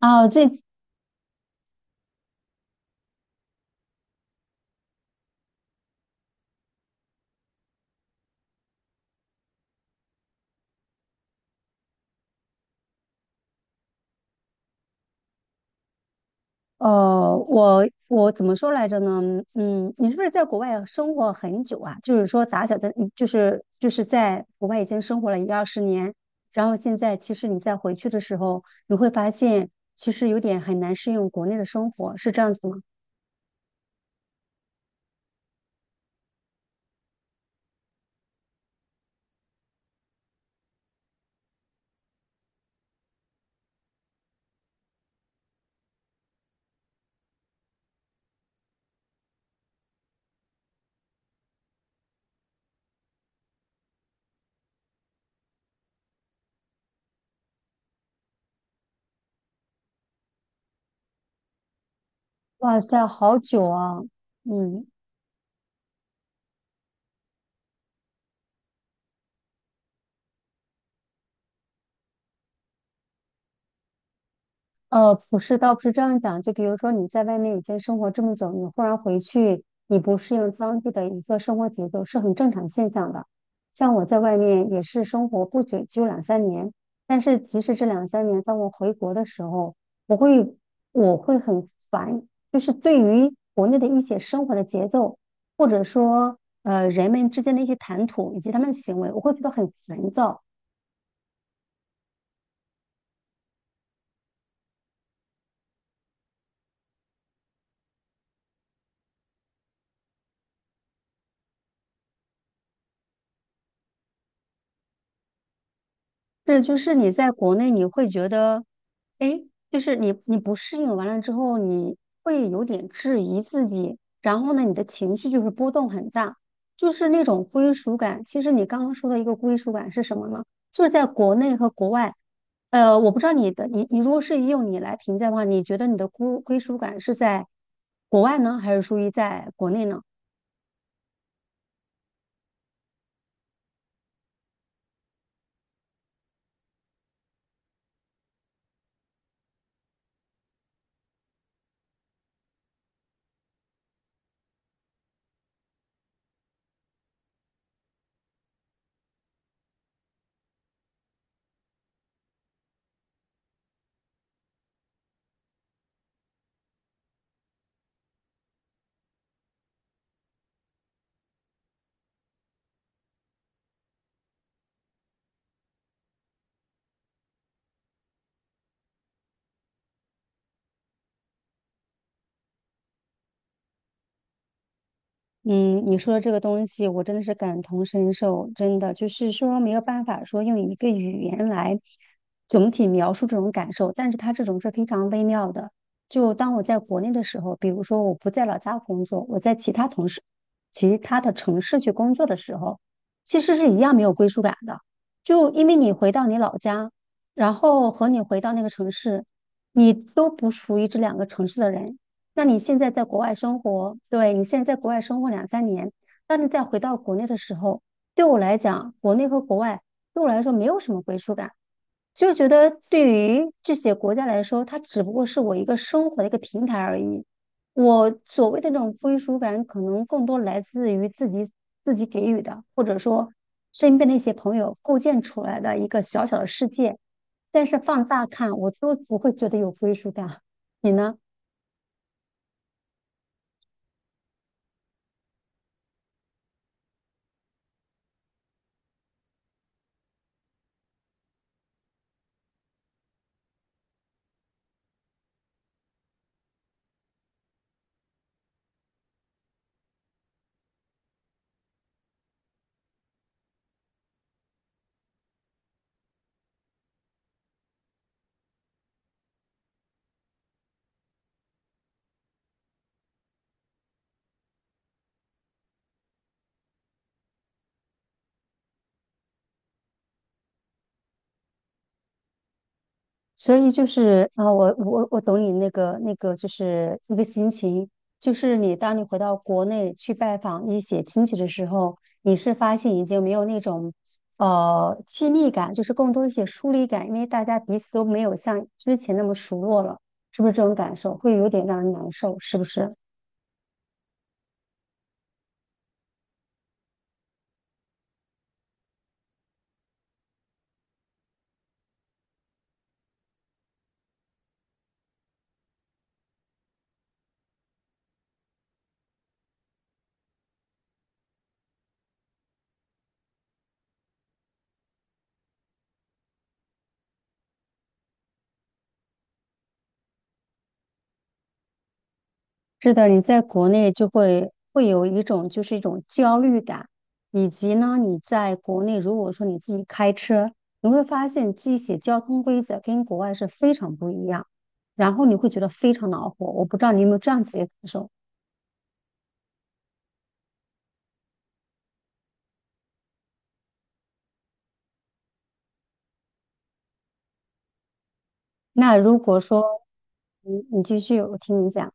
啊，这我怎么说来着呢？嗯，你是不是在国外生活很久啊？就是说打小在，就是在国外已经生活了一二十年，然后现在其实你再回去的时候，你会发现其实有点很难适应国内的生活，是这样子吗？哇塞，好久啊！嗯，不是，倒不是这样讲。就比如说你在外面已经生活这么久，你忽然回去，你不适应当地的一个生活节奏，是很正常现象的。像我在外面也是生活不久，就两三年。但是即使这两三年，当我回国的时候，我会我会很烦，就是对于国内的一些生活的节奏，或者说人们之间的一些谈吐以及他们的行为，我会觉得很烦躁。是，就是你在国内你会觉得，哎，就是你不适应完了之后，你会有点质疑自己，然后呢，你的情绪就是波动很大，就是那种归属感。其实你刚刚说的一个归属感是什么呢？就是在国内和国外，呃，我不知道你的你你如果是用你来评价的话，你觉得你的归属感是在国外呢，还是属于在国内呢？嗯，你说的这个东西，我真的是感同身受，真的就是说没有办法说用一个语言来总体描述这种感受，但是它这种是非常微妙的。就当我在国内的时候，比如说我不在老家工作，我在其他同事、其他的城市去工作的时候，其实是一样没有归属感的。就因为你回到你老家，然后和你回到那个城市，你都不属于这两个城市的人。那你现在在国外生活，对，你现在在国外生活两三年，当你再回到国内的时候，对我来讲，国内和国外对我来说没有什么归属感，就觉得对于这些国家来说，它只不过是我一个生活的一个平台而已。我所谓的那种归属感，可能更多来自于自己给予的，或者说身边的一些朋友构建出来的一个小小的世界。但是放大看，我都不会觉得有归属感。你呢？所以就是啊，我懂你那个，就是一个心情，就是你当你回到国内去拜访一些亲戚的时候，你是发现已经没有那种亲密感，就是更多一些疏离感，因为大家彼此都没有像之前那么熟络了，是不是这种感受会有点让人难受，是不是？是的，你在国内就会有一种就是一种焦虑感，以及呢，你在国内如果说你自己开车，你会发现这些交通规则跟国外是非常不一样，然后你会觉得非常恼火。我不知道你有没有这样子的感受？那如果说，你你继续，我听你讲。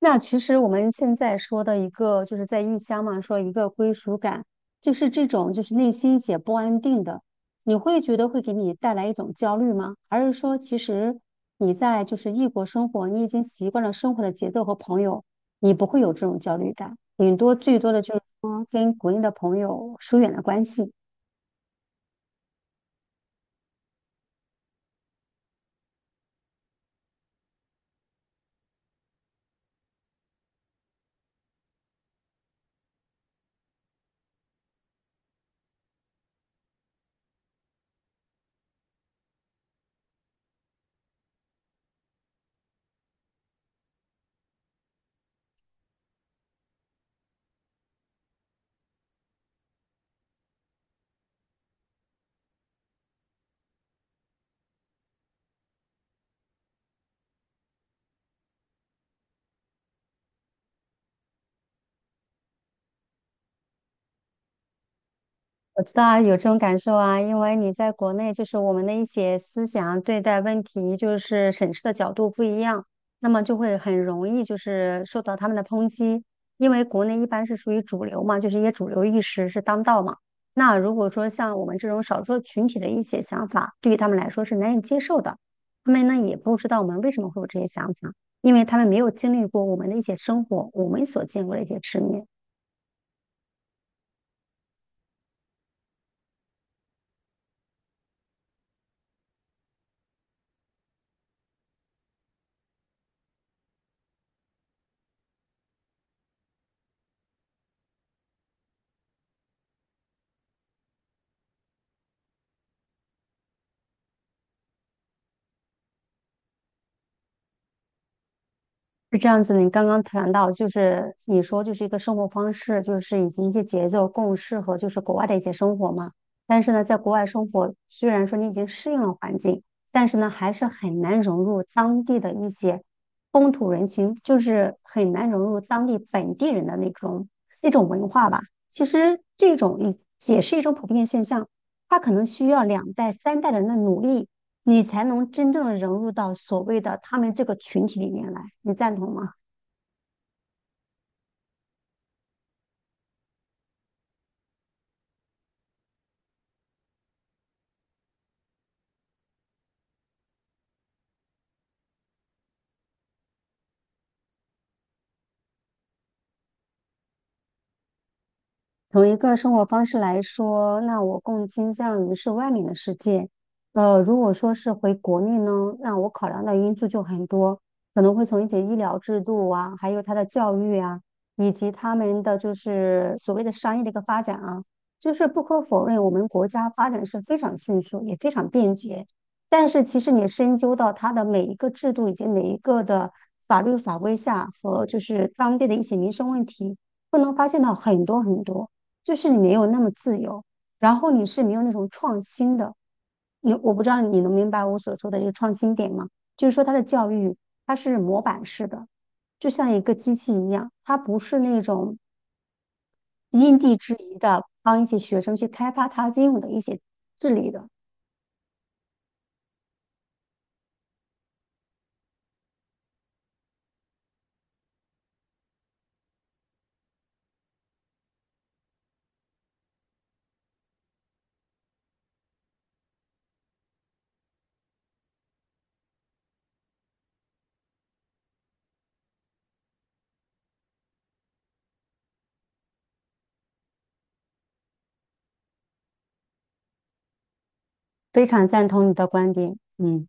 那其实我们现在说的一个，就是在异乡嘛，说一个归属感，就是这种就是内心也不安定的，你会觉得会给你带来一种焦虑吗？还是说其实你在就是异国生活，你已经习惯了生活的节奏和朋友，你不会有这种焦虑感，顶多最多的就是说跟国内的朋友疏远了关系。我知道啊有这种感受啊，因为你在国内，就是我们的一些思想对待问题，就是审视的角度不一样，那么就会很容易就是受到他们的抨击。因为国内一般是属于主流嘛，就是一些主流意识是当道嘛。那如果说像我们这种少数群体的一些想法，对于他们来说是难以接受的，他们呢也不知道我们为什么会有这些想法，因为他们没有经历过我们的一些生活，我们所见过的一些世面。是这样子的，你刚刚谈到，就是你说就是一个生活方式，就是以及一些节奏更适合就是国外的一些生活嘛。但是呢，在国外生活，虽然说你已经适应了环境，但是呢，还是很难融入当地的一些风土人情，就是很难融入当地本地人的那种文化吧。其实这种也是一种普遍现象，它可能需要两代、三代人的努力。你才能真正融入到所谓的他们这个群体里面来，你赞同吗？从一个生活方式来说，那我更倾向于是外面的世界。呃，如果说是回国内呢，那我考量的因素就很多，可能会从一些医疗制度啊，还有他的教育啊，以及他们的就是所谓的商业的一个发展啊。就是不可否认，我们国家发展是非常迅速，也非常便捷。但是其实你深究到它的每一个制度以及每一个的法律法规下和就是当地的一些民生问题，不能发现到很多很多。就是你没有那么自由，然后你是没有那种创新的。你我不知道你能明白我所说的这个创新点吗？就是说，它的教育它是模板式的，就像一个机器一样，它不是那种因地制宜的帮一些学生去开发他应有的一些智力的。非常赞同你的观点，嗯。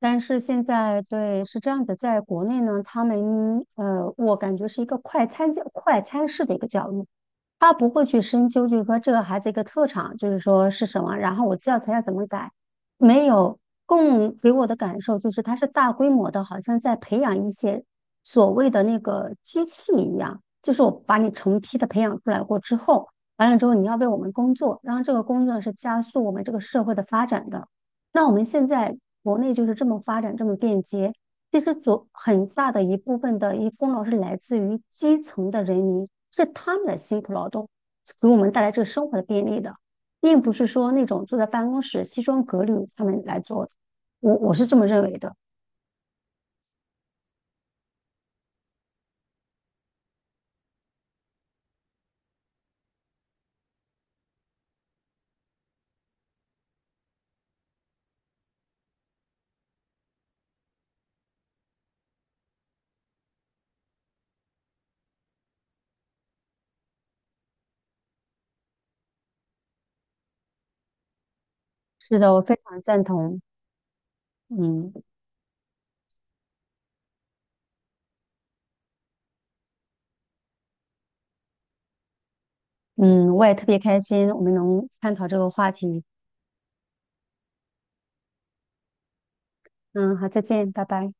但是现在对是这样子，在国内呢，他们我感觉是一个快餐教、快餐式的一个教育，他不会去深究，就是说这个孩子一个特长，就是说是什么，然后我教材要怎么改，没有更给我的感受就是他是大规模的，好像在培养一些所谓的那个机器一样，就是我把你成批的培养出来过之后，完了之后你要为我们工作，然后这个工作是加速我们这个社会的发展的。那我们现在国内就是这么发展，这么便捷。其实左很大的一部分的一功劳是来自于基层的人民，是他们的辛苦劳动给我们带来这个生活的便利的，并不是说那种坐在办公室西装革履他们来做的。我是这么认为的。是的，我非常赞同。嗯嗯，我也特别开心，我们能探讨这个话题。嗯，好，再见，拜拜。